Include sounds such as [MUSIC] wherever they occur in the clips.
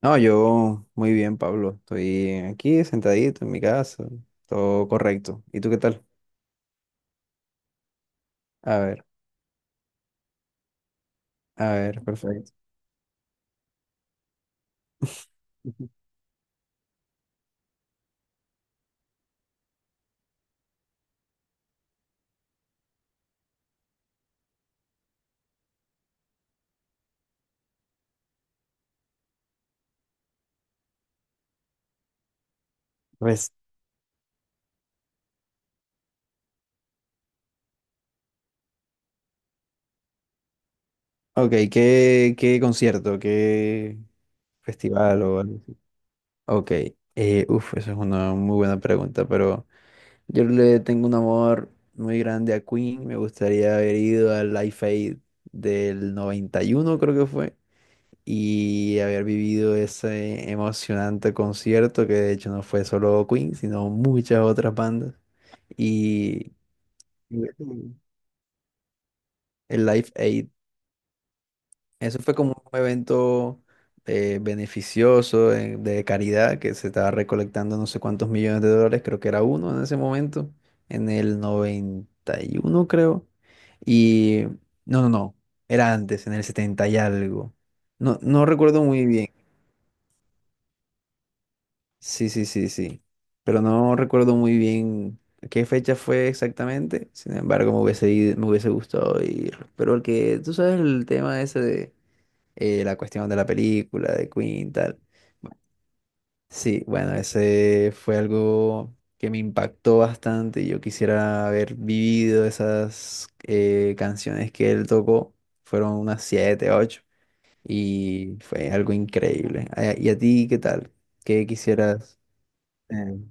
No, yo muy bien, Pablo. Estoy aquí sentadito en mi casa. Todo correcto. ¿Y tú qué tal? A ver, a ver, perfecto. Ujú. Pues, ok, ¿qué, qué concierto? ¿Qué festival o algo así? Ok, uf, esa es una muy buena pregunta, pero yo le tengo un amor muy grande a Queen. Me gustaría haber ido al Live Aid del 91, creo que fue. Y haber vivido ese emocionante concierto que de hecho no fue solo Queen, sino muchas otras bandas. Y Mm, el Live Aid, eso fue como un evento beneficioso, de caridad, que se estaba recolectando no sé cuántos millones de dólares, creo que era uno en ese momento, en el 91 creo. Y no, no, no, era antes, en el 70 y algo. No, no recuerdo muy bien. Sí, sí, sí, sí. Pero no recuerdo muy bien qué fecha fue exactamente. Sin embargo, me hubiese gustado ir. Pero el que, tú sabes el tema ese de la cuestión de la película, de Queen, tal. Bueno, sí, bueno, ese fue algo que me impactó bastante. Y yo quisiera haber vivido esas canciones que él tocó. Fueron unas siete, ocho. Y fue algo increíble. Ah, ¿y a ti qué tal? ¿Qué quisieras? em,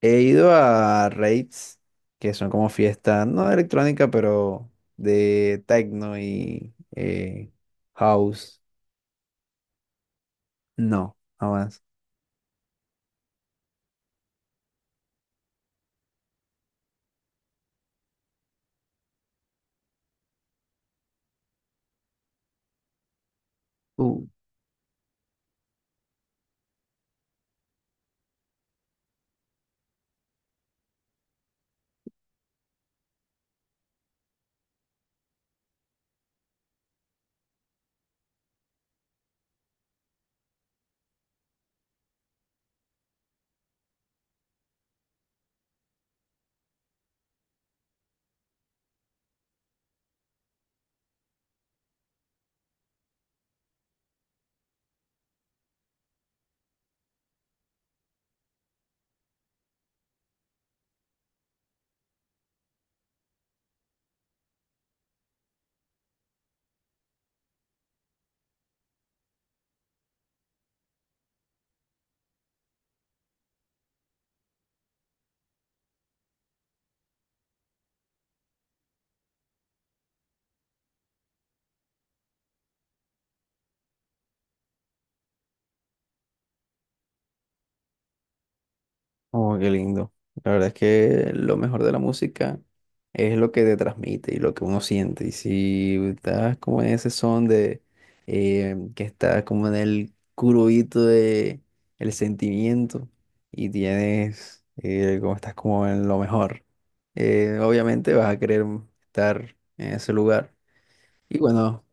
He ido a raves, que son como fiestas, no de electrónica, pero de techno y house. No, jamás. Oh, qué lindo. La verdad es que lo mejor de la música es lo que te transmite y lo que uno siente. Y si estás como en ese son de que estás como en el curubito de el sentimiento y tienes como estás como en lo mejor, obviamente vas a querer estar en ese lugar. Y bueno,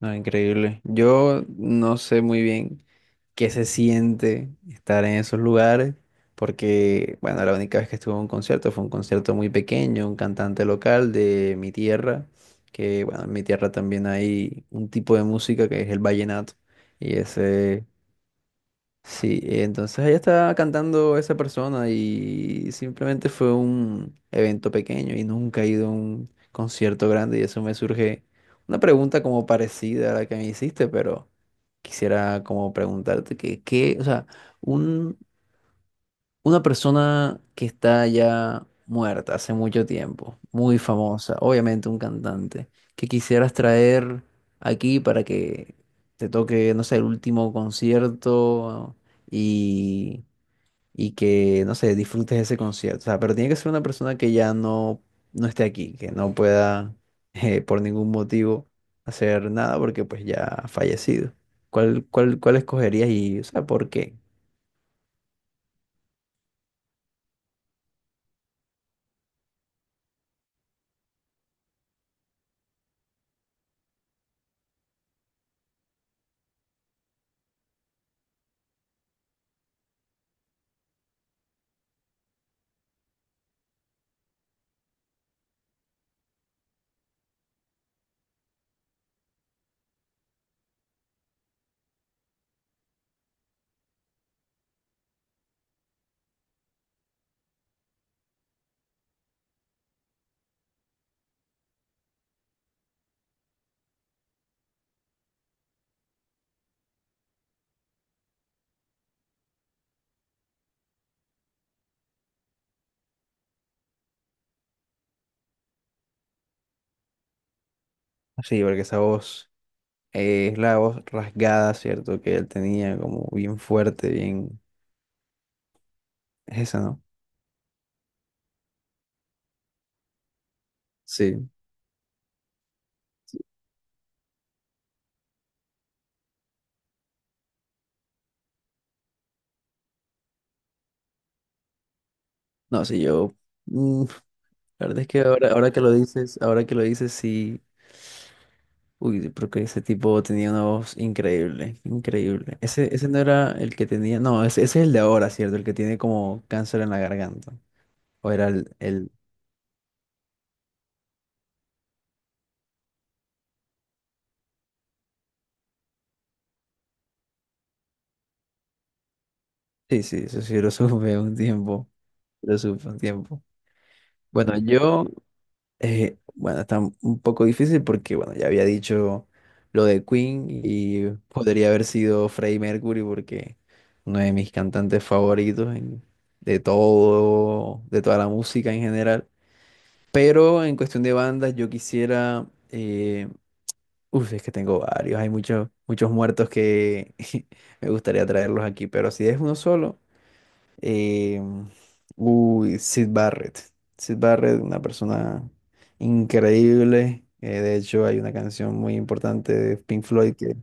no, increíble. Yo no sé muy bien qué se siente estar en esos lugares, porque, bueno, la única vez que estuve en un concierto fue un concierto muy pequeño, un cantante local de mi tierra, que, bueno, en mi tierra también hay un tipo de música que es el vallenato, y ese. Sí, entonces ella estaba cantando esa persona y simplemente fue un evento pequeño y nunca he ido a un concierto grande y eso me surge una pregunta como parecida a la que me hiciste, pero quisiera como preguntarte que, qué, o sea, un, una persona que está ya muerta hace mucho tiempo, muy famosa, obviamente un cantante, que quisieras traer aquí para que te toque, no sé, el último concierto y, y que, no sé, disfrutes ese concierto. O sea, pero tiene que ser una persona que ya no, no esté aquí, que no pueda [LAUGHS] por ningún motivo hacer nada porque pues ya ha fallecido. ¿Cuál, cuál, cuál escogerías y, o sea, por qué? Sí, porque esa voz... es la voz rasgada, ¿cierto? Que él tenía como bien fuerte, bien... Es esa, ¿no? Sí. No, sí, yo... mm, la verdad es que ahora, ahora que lo dices, ahora que lo dices, sí... Uy, porque ese tipo tenía una voz increíble, increíble. Ese no era el que tenía... No, ese es el de ahora, ¿cierto? El que tiene como cáncer en la garganta. O era el... Sí, sí, eso sí lo [LAUGHS] supe un tiempo. Lo supe un tiempo. Bueno, yo... bueno, está un poco difícil porque, bueno, ya había dicho lo de Queen y podría haber sido Freddie Mercury porque uno de mis cantantes favoritos de todo, de toda la música en general. Pero en cuestión de bandas, yo quisiera, uf, es que tengo varios, hay muchos, muchos muertos que [LAUGHS] me gustaría traerlos aquí, pero si es uno solo. Eh, uy, Sid Barrett. Sid Barrett, una persona increíble. De hecho, hay una canción muy importante de Pink Floyd que...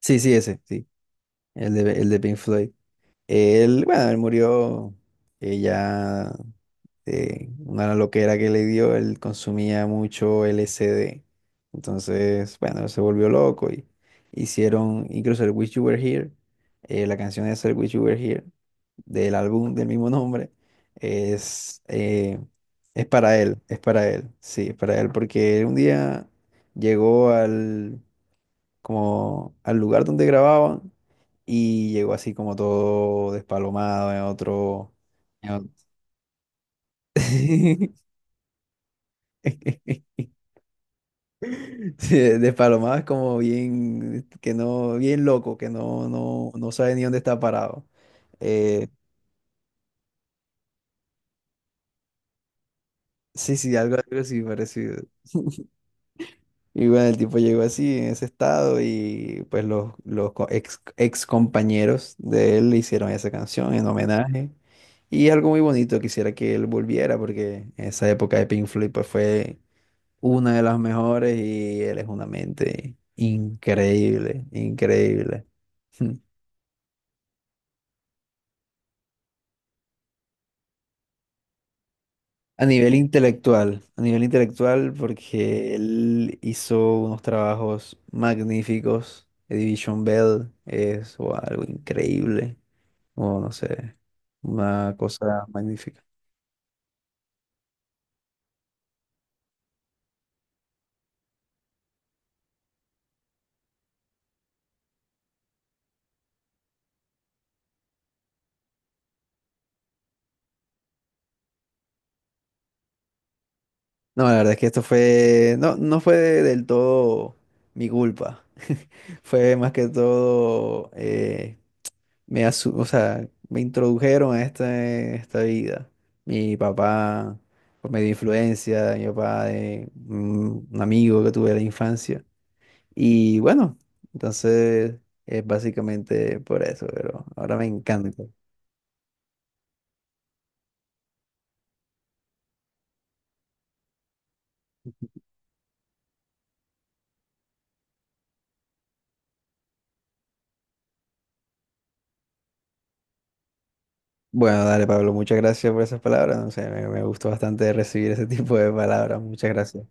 Sí, sí, ese, sí. El de Pink Floyd. Él, bueno, él murió, ella, de una loquera que le dio, él consumía mucho LSD. Entonces, bueno, se volvió loco y hicieron incluso el Wish You Were Here, la canción es el Wish You Were Here, del álbum del mismo nombre, es, eh, es para él, sí, es para él, porque un día llegó al, como al lugar donde grababan y llegó así como todo despalomado en otro... en ot- [LAUGHS] Sí, despalomado es como bien, que no, bien loco, que no, no, no sabe ni dónde está parado. Eh, sí, sí, algo, algo así parecido. Y bueno, el tipo llegó así, en ese estado, y pues los, ex, ex compañeros de él le hicieron esa canción en homenaje. Y es algo muy bonito, quisiera que él volviera, porque esa época de Pink Floyd pues, fue una de las mejores y él es una mente increíble, increíble. [LAUGHS] A nivel intelectual, porque él hizo unos trabajos magníficos. The Division Bell es wow, algo increíble. O no sé, una cosa magnífica. No, la verdad es que esto fue, no, no fue del todo mi culpa. [LAUGHS] Fue más que todo, o sea, me introdujeron a esta vida. Mi papá, por medio de influencia, mi papá de un amigo que tuve de la infancia. Y bueno, entonces es básicamente por eso, pero ahora me encanta. Bueno, dale, Pablo, muchas gracias por esas palabras. No sé, me gustó bastante recibir ese tipo de palabras. Muchas gracias.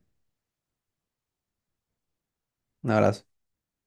Un abrazo.